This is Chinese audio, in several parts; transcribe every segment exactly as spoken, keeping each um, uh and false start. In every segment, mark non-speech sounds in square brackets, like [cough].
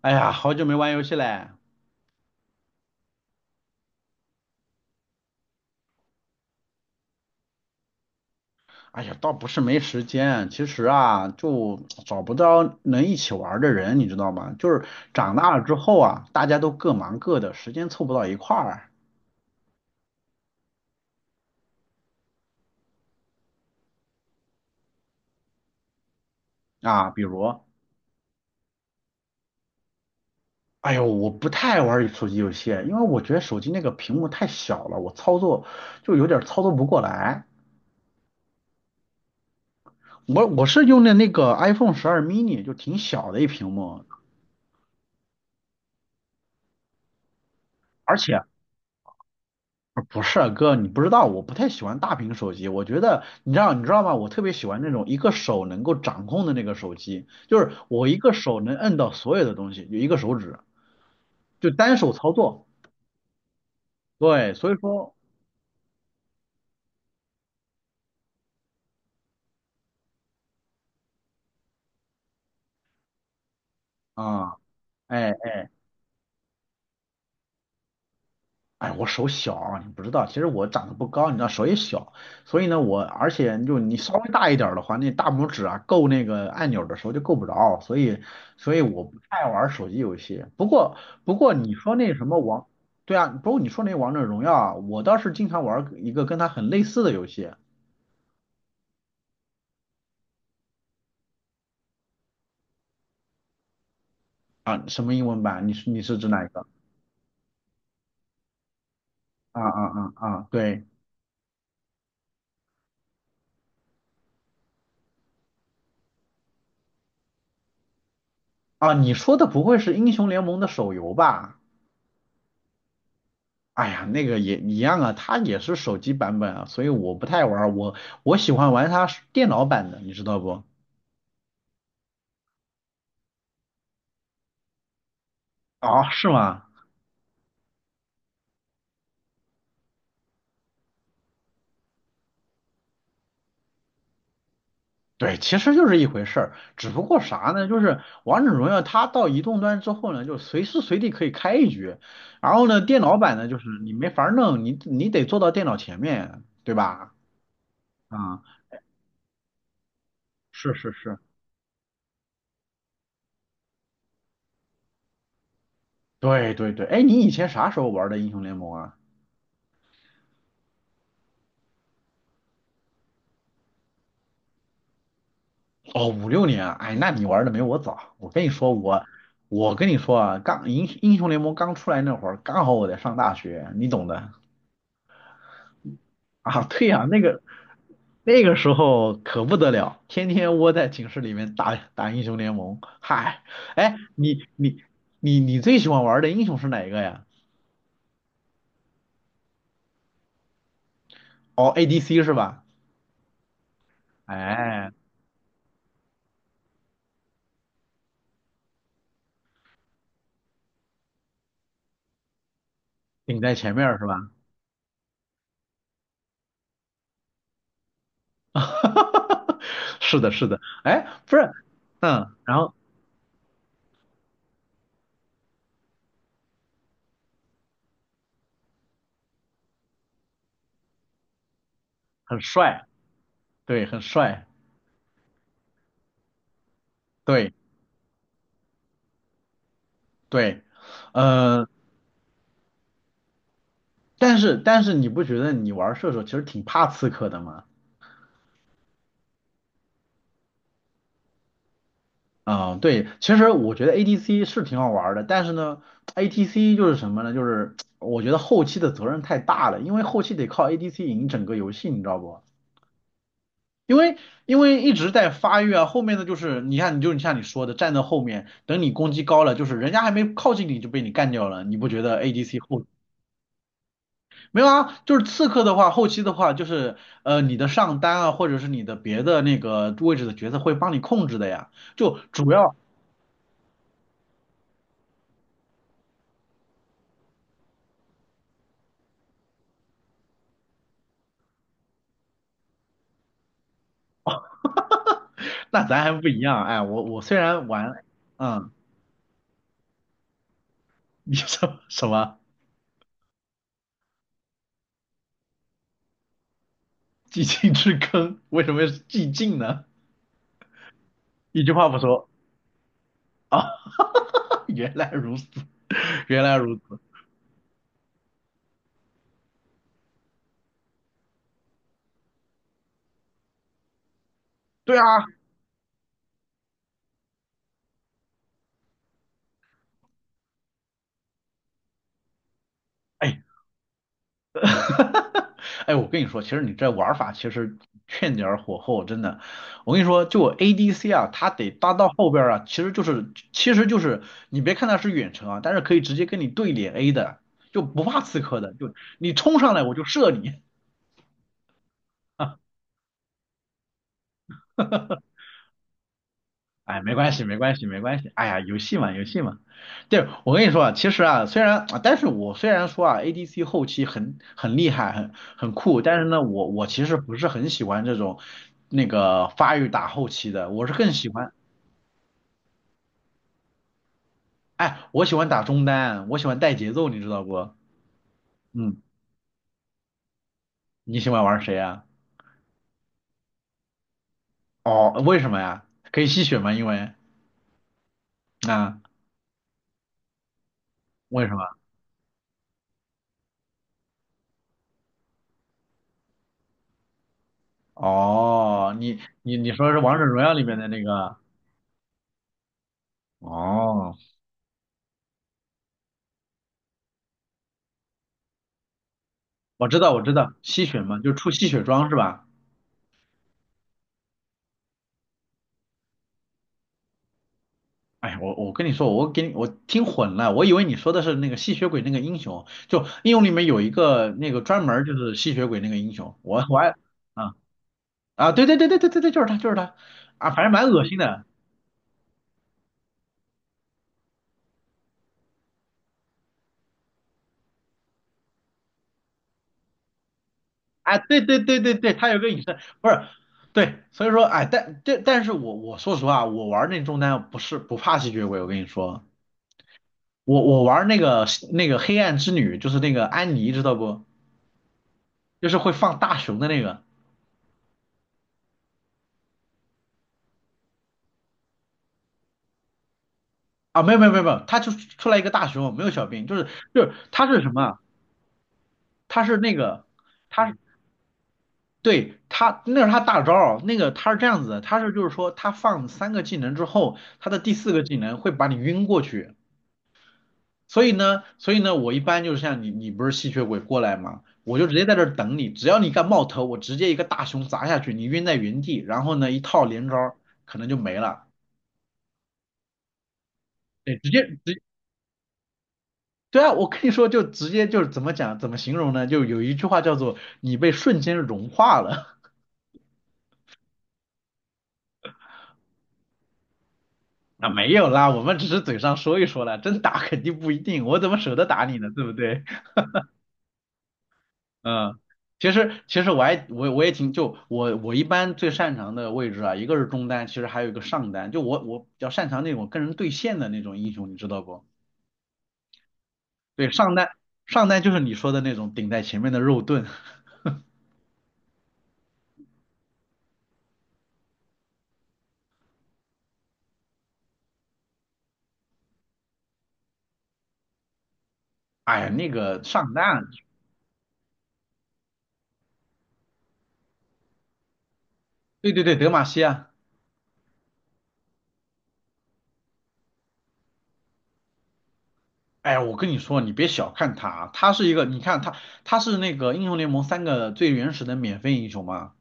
哎呀，好久没玩游戏嘞。哎呀，倒不是没时间，其实啊，就找不到能一起玩儿的人，你知道吗？就是长大了之后啊，大家都各忙各的，时间凑不到一块儿啊。比如，哎呦，我不太玩儿手机游戏，因为我觉得手机那个屏幕太小了，我操作就有点儿操作不过来。我我是用的那个 iPhone 十二 mini,就挺小的一屏幕。而且。不是啊哥，你不知道，我不太喜欢大屏手机。我觉得，你知道，你知道吗？我特别喜欢那种一个手能够掌控的那个手机，就是我一个手能摁到所有的东西，就一个手指，就单手操作。对，所以说，啊、哎。哎，我手小，你不知道，其实我长得不高，你知道手也小，所以呢，我而且就你稍微大一点儿的话，那大拇指啊够那个按钮的时候就够不着，所以所以我不太玩手机游戏。不过不过你说那什么王，对啊，不过你说那王者荣耀啊，我倒是经常玩一个跟它很类似的游戏啊，什么英文版？你是你是指哪一个？啊啊啊啊，对啊，你说的不会是英雄联盟的手游吧？哎呀，那个也一样啊，它也是手机版本啊，所以我不太玩儿，我我喜欢玩它是电脑版的，你知道不？哦，是吗？对，其实就是一回事儿，只不过啥呢？就是王者荣耀它到移动端之后呢，就随时随地可以开一局，然后呢，电脑版呢，就是你没法儿弄，你你得坐到电脑前面，对吧？啊、是是是，对对对，哎，你以前啥时候玩的英雄联盟啊？哦，五六年啊，哎，那你玩的没我早。我跟你说，我我跟你说啊，刚英英雄联盟刚出来那会儿，刚好我在上大学，你懂的啊。对呀，那个那个时候可不得了，天天窝在寝室里面打打英雄联盟。嗨，哎，你你你你最喜欢玩的英雄是哪一个呀？哦，A D C 是吧？哎，顶在前面儿是吧？[laughs] 哈哈哈是的，是的。哎，不是，嗯，然后很帅，对，很帅。对，对，呃，但是但是你不觉得你玩射手其实挺怕刺客的吗？啊、对，其实我觉得 A D C 是挺好玩的，但是呢，A T C 就是什么呢？就是我觉得后期的责任太大了，因为后期得靠 A D C 赢整个游戏，你知道不？因为因为一直在发育啊，后面的就是你看，你就像你说的，站在后面，等你攻击高了，就是人家还没靠近你就被你干掉了，你不觉得 A D C 后没有啊，就是刺客的话，后期的话就是呃你的上单啊，或者是你的别的那个位置的角色会帮你控制的呀。就主要那咱还不一样，哎，我我虽然玩，嗯，你什么什么寂静之坑，为什么是寂静呢？一句话不说啊，[laughs] 原来如此，原来如此，对啊，哎 [laughs] 哈哈，哎，我跟你说，其实你这玩法其实欠点儿火候，真的。我跟你说，就 A D C 啊，它得搭到后边儿啊，其实就是其实就是你别看它是远程啊，但是可以直接跟你对脸 A 的，就不怕刺客的，就你冲上来我就射你。[laughs] 哎，没关系，没关系，没关系。哎呀，游戏嘛，游戏嘛。对，我跟你说啊，其实啊，虽然，但是我虽然说啊，A D C 后期很很厉害，很很酷，但是呢，我我其实不是很喜欢这种那个发育打后期的，我是更喜欢，哎，我喜欢打中单，我喜欢带节奏，你知道不？嗯，你喜欢玩谁啊？哦，为什么呀？可以吸血吗？因为啊，为什么？哦，你你你说是王者荣耀里面的那个？哦。我知道，我知道，吸血嘛，就出吸血装是吧？哎，我我跟你说，我给你我听混了，我以为你说的是那个吸血鬼那个英雄，就英雄里面有一个那个专门儿就是吸血鬼那个英雄，我我还啊啊，对对对对对对对，就是他就是他啊，反正蛮恶心的，哎，对对对对对，他有个隐身，不是，对，所以说哎，但但但是我我说实话，我玩那中单不是不怕吸血鬼，我跟你说，我我玩那个那个黑暗之女，就是那个安妮，知道不？就是会放大熊的那个。啊，没有没有没有没有，他就出来一个大熊，没有小兵，就是就是他是什么啊他是那个，他是对他那是他大招儿那个他是这样子的，他是就是说他放三个技能之后，他的第四个技能会把你晕过去，所以呢所以呢，我一般就是像你你不是吸血鬼过来吗？我就直接在这儿等你，只要你敢冒头，我直接一个大熊砸下去，你晕在原地，然后呢一套连招儿可能就没了，对，直接直对啊，我跟你说，就直接就是怎么讲，怎么形容呢？就有一句话叫做"你被瞬间融化了"。[laughs] 啊，没有啦，我们只是嘴上说一说啦，真打肯定不一定，我怎么舍得打你呢？对不对？嗯，其实其实我还我我也挺就我我一般最擅长的位置啊，一个是中单，其实还有一个上单，就我我比较擅长那种跟人对线的那种英雄，你知道不？对，上单上单就是你说的那种顶在前面的肉盾，[laughs] 哎呀，那个上单，对对对，德玛西亚。哎，我跟你说，你别小看他，啊，他是一个，你看他，他是那个英雄联盟三个最原始的免费英雄嘛，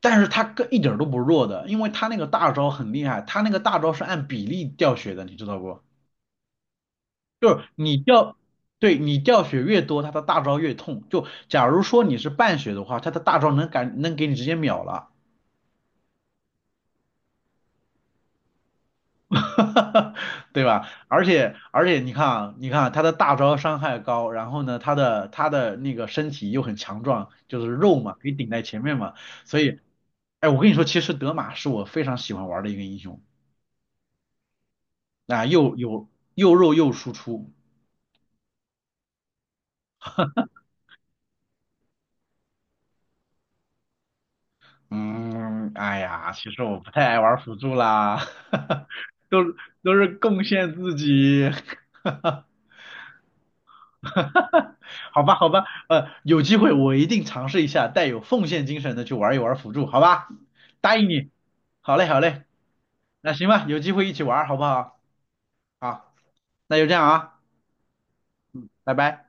但是他跟一点儿都不弱的，因为他那个大招很厉害，他那个大招是按比例掉血的，你知道不？就是你掉，对你掉血越多，他的大招越痛。就假如说你是半血的话，他的大招能敢能给你直接秒了。[laughs] 对吧？而且而且你看啊，你看啊他的大招伤害高，然后呢，他的他的那个身体又很强壮，就是肉嘛，可以顶在前面嘛，所以，哎，我跟你说，其实德玛是我非常喜欢玩的一个英雄，啊，又有又肉又输出，嗯，哎呀，其实我不太爱玩辅助啦，[laughs] 都都是贡献自己，[laughs] 好吧，好吧，呃，有机会我一定尝试一下，带有奉献精神的去玩一玩辅助，好吧？答应你。好嘞，好嘞，那行吧，有机会一起玩儿好不好？好，那就这样啊，拜拜。